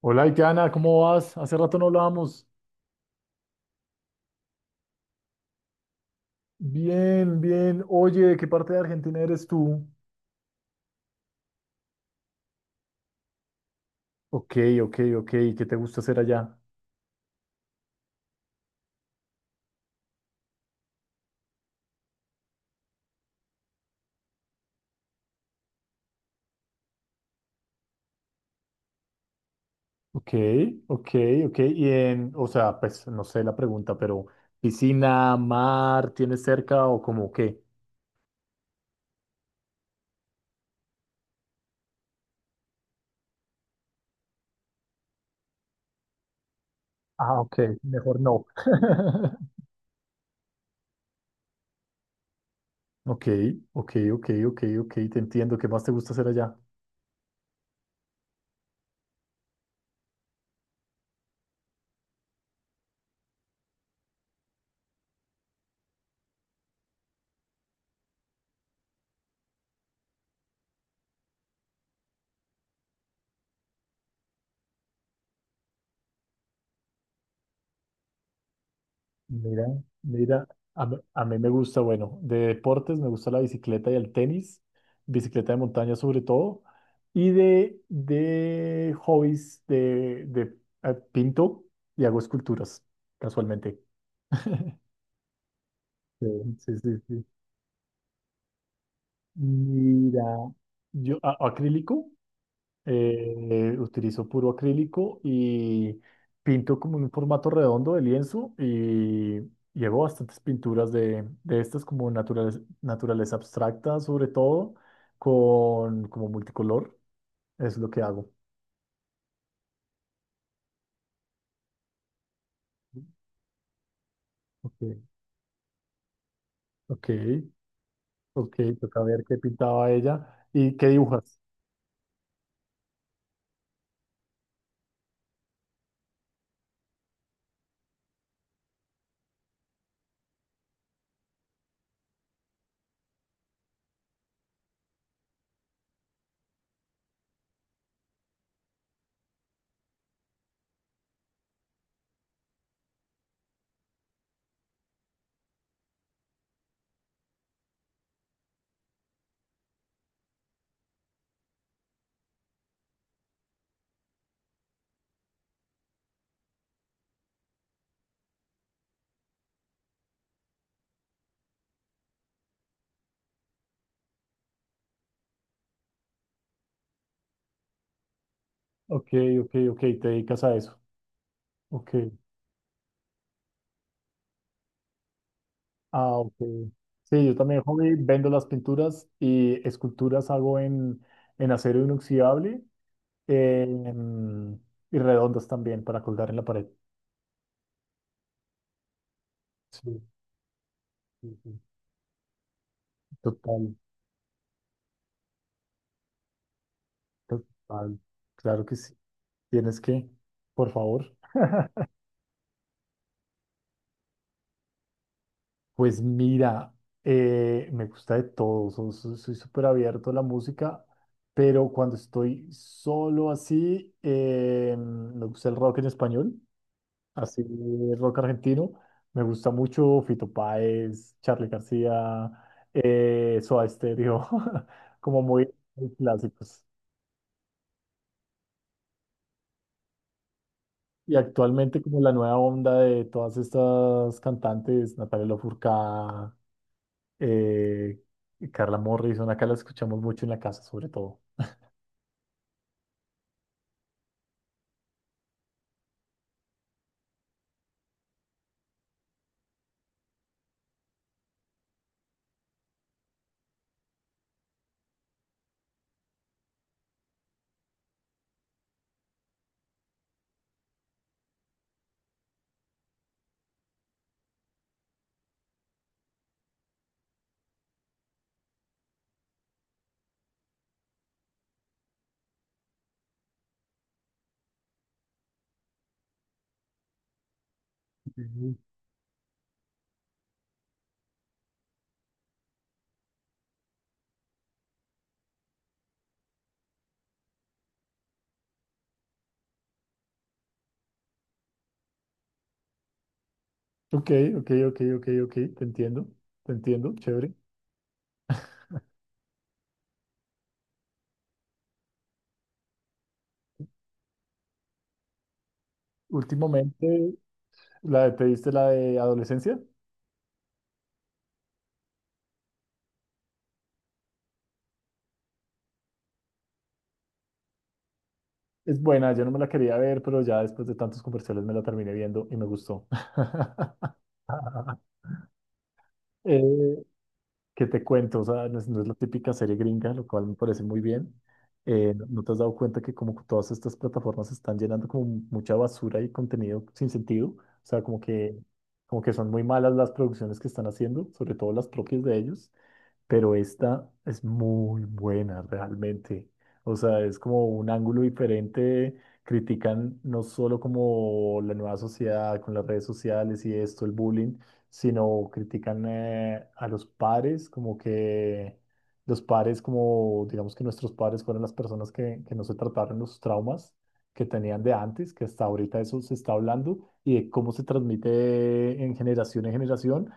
Hola, Itiana, ¿cómo vas? Hace rato no hablábamos. Bien, bien. Oye, ¿de qué parte de Argentina eres tú? Ok, ok, ok. ¿Qué te gusta hacer allá? Ok, ok, ok. Y en, o sea, pues no sé la pregunta, pero ¿piscina, mar, tienes cerca o como qué? Ah, ok, mejor no. Ok, ok, ok, ok, ok. Te entiendo. ¿Qué más te gusta hacer allá? Mira, mira, a mí me gusta, bueno, de deportes me gusta la bicicleta y el tenis, bicicleta de montaña sobre todo, y de hobbies de, pinto y hago esculturas, casualmente. Sí, sí, sí, sí. Mira, acrílico, utilizo puro acrílico y pinto como en un formato redondo de lienzo y llevo bastantes pinturas de estas como naturaleza, naturaleza abstracta, sobre todo con como multicolor. Es lo que hago. Ok, ok, ok, toca ver qué pintaba ella y qué dibujas. Ok, ok, ok, te dedicas a eso. Ok. Ah, ok. Sí, yo también, hobby, vendo las pinturas y esculturas hago en acero inoxidable, eh, en- y redondas también para colgar en la pared. Sí, sí, sí. Total, total. Claro que sí. Tienes que, por favor. Pues mira, me gusta de todo, soy súper abierto a la música, pero cuando estoy solo así, me gusta el rock en español. Así rock argentino. Me gusta mucho Fito Páez, Charly García, Soda Stereo, como muy, muy clásicos. Y actualmente como la nueva onda de todas estas cantantes, Natalia Lafourcade, eh, y Carla Morrison, acá las escuchamos mucho en la casa sobre todo. Ujú. Ok, ok, ok, ok, ok, te entiendo, chévere. Últimamente, ¿te diste la de adolescencia? Es buena, yo no me la quería ver, pero ya después de tantos comerciales me la terminé viendo y me gustó. Eh, ¿qué te cuento? O sea, no es la típica serie gringa, lo cual me parece muy bien. ¿No te has dado cuenta que como que todas estas plataformas están llenando como mucha basura y contenido sin sentido? O sea, como que son muy malas las producciones que están haciendo, sobre todo las propias de ellos, pero esta es muy buena realmente. O sea, es como un ángulo diferente. Critican no solo como la nueva sociedad con las redes sociales y esto, el bullying, sino critican a los padres, como que los padres, como digamos que nuestros padres fueron las personas que no se trataron los traumas que tenían de antes, que hasta ahorita eso se está hablando y de cómo se transmite en generación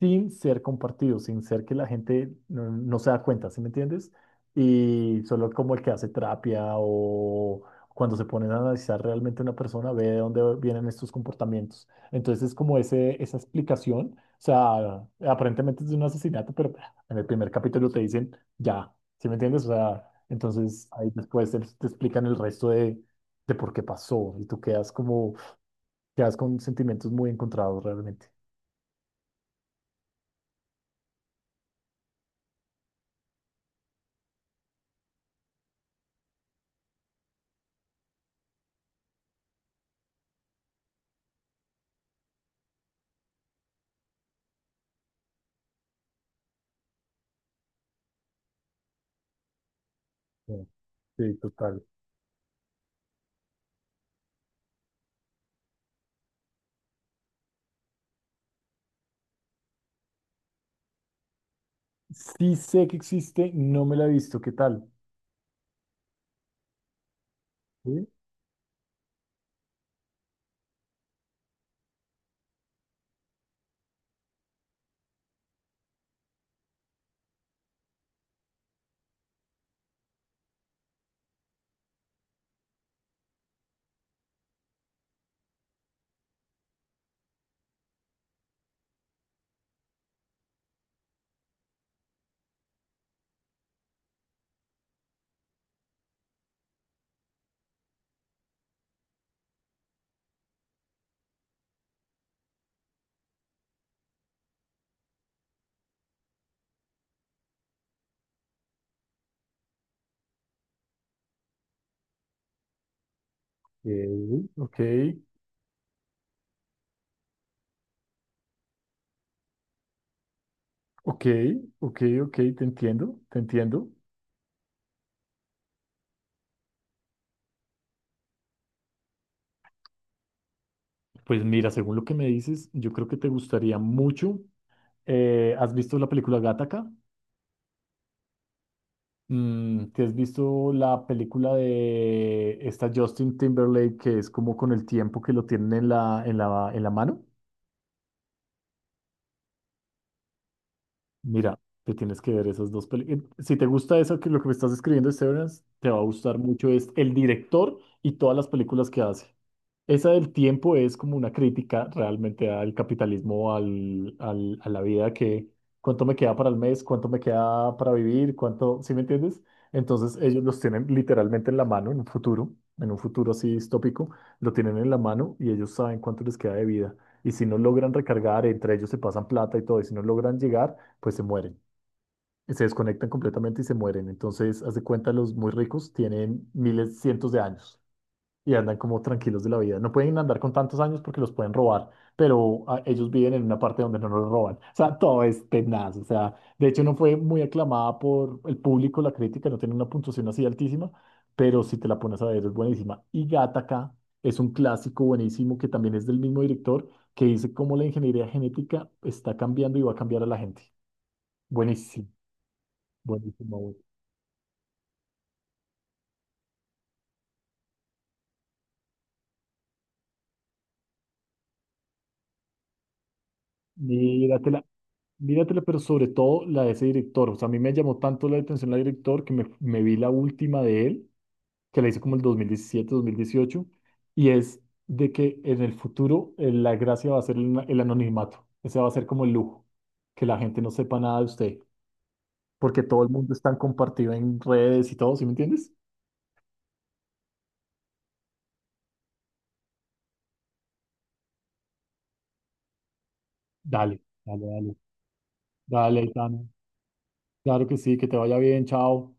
sin ser compartido, sin ser que la gente no se da cuenta, ¿sí me entiendes? Y solo como el que hace terapia o cuando se ponen a analizar realmente una persona, ve de dónde vienen estos comportamientos. Entonces es como esa explicación, o sea, aparentemente es de un asesinato, pero en el primer capítulo te dicen, ya, ¿sí me entiendes? O sea, entonces ahí después te explican el resto de por qué pasó y tú quedas quedas con sentimientos muy encontrados realmente. Sí, sí, total. Sí sé que existe, no me la he visto. ¿Qué tal? Sí, ok, ok, ok, ok, te entiendo, te entiendo. Pues mira, según lo que me dices, yo creo que te gustaría mucho. ¿Has visto la película Gattaca? ¿Te has visto la película de esta Justin Timberlake que es como con el tiempo que lo tienen en la, en la mano? Mira, te tienes que ver esas dos películas. Si te gusta eso que lo que me estás escribiendo de Severance, te va a gustar mucho, es el director y todas las películas que hace. Esa del tiempo es como una crítica realmente al capitalismo, a la vida que cuánto me queda para el mes, cuánto me queda para vivir, cuánto, ¿sí me entiendes? Entonces ellos los tienen literalmente en la mano en un futuro así distópico, lo tienen en la mano y ellos saben cuánto les queda de vida. Y si no logran recargar, entre ellos se pasan plata y todo, y si no logran llegar, pues se mueren. Se desconectan completamente y se mueren. Entonces, haz de cuenta, los muy ricos tienen miles, cientos de años y andan como tranquilos de la vida. No pueden andar con tantos años porque los pueden robar, pero ellos viven en una parte donde no los roban. O sea, todo es tenaz. O sea, de hecho no fue muy aclamada por el público, la crítica no tiene una puntuación así altísima, pero si te la pones a ver es buenísima. Y Gattaca es un clásico buenísimo que también es del mismo director, que dice cómo la ingeniería genética está cambiando y va a cambiar a la gente. Buenísimo, buenísimo, buenísimo. Míratela. Míratela, pero sobre todo la de ese director. O sea, a mí me llamó tanto la atención la director que me vi la última de él, que la hice como el 2017, 2018 y es de que en el futuro, la gracia va a ser el anonimato. Ese va a ser como el lujo, que la gente no sepa nada de usted, porque todo el mundo está compartido en redes y todo, ¿sí me entiendes? Dale, dale, dale. Dale, Aitana. Claro que sí, que te vaya bien, chao.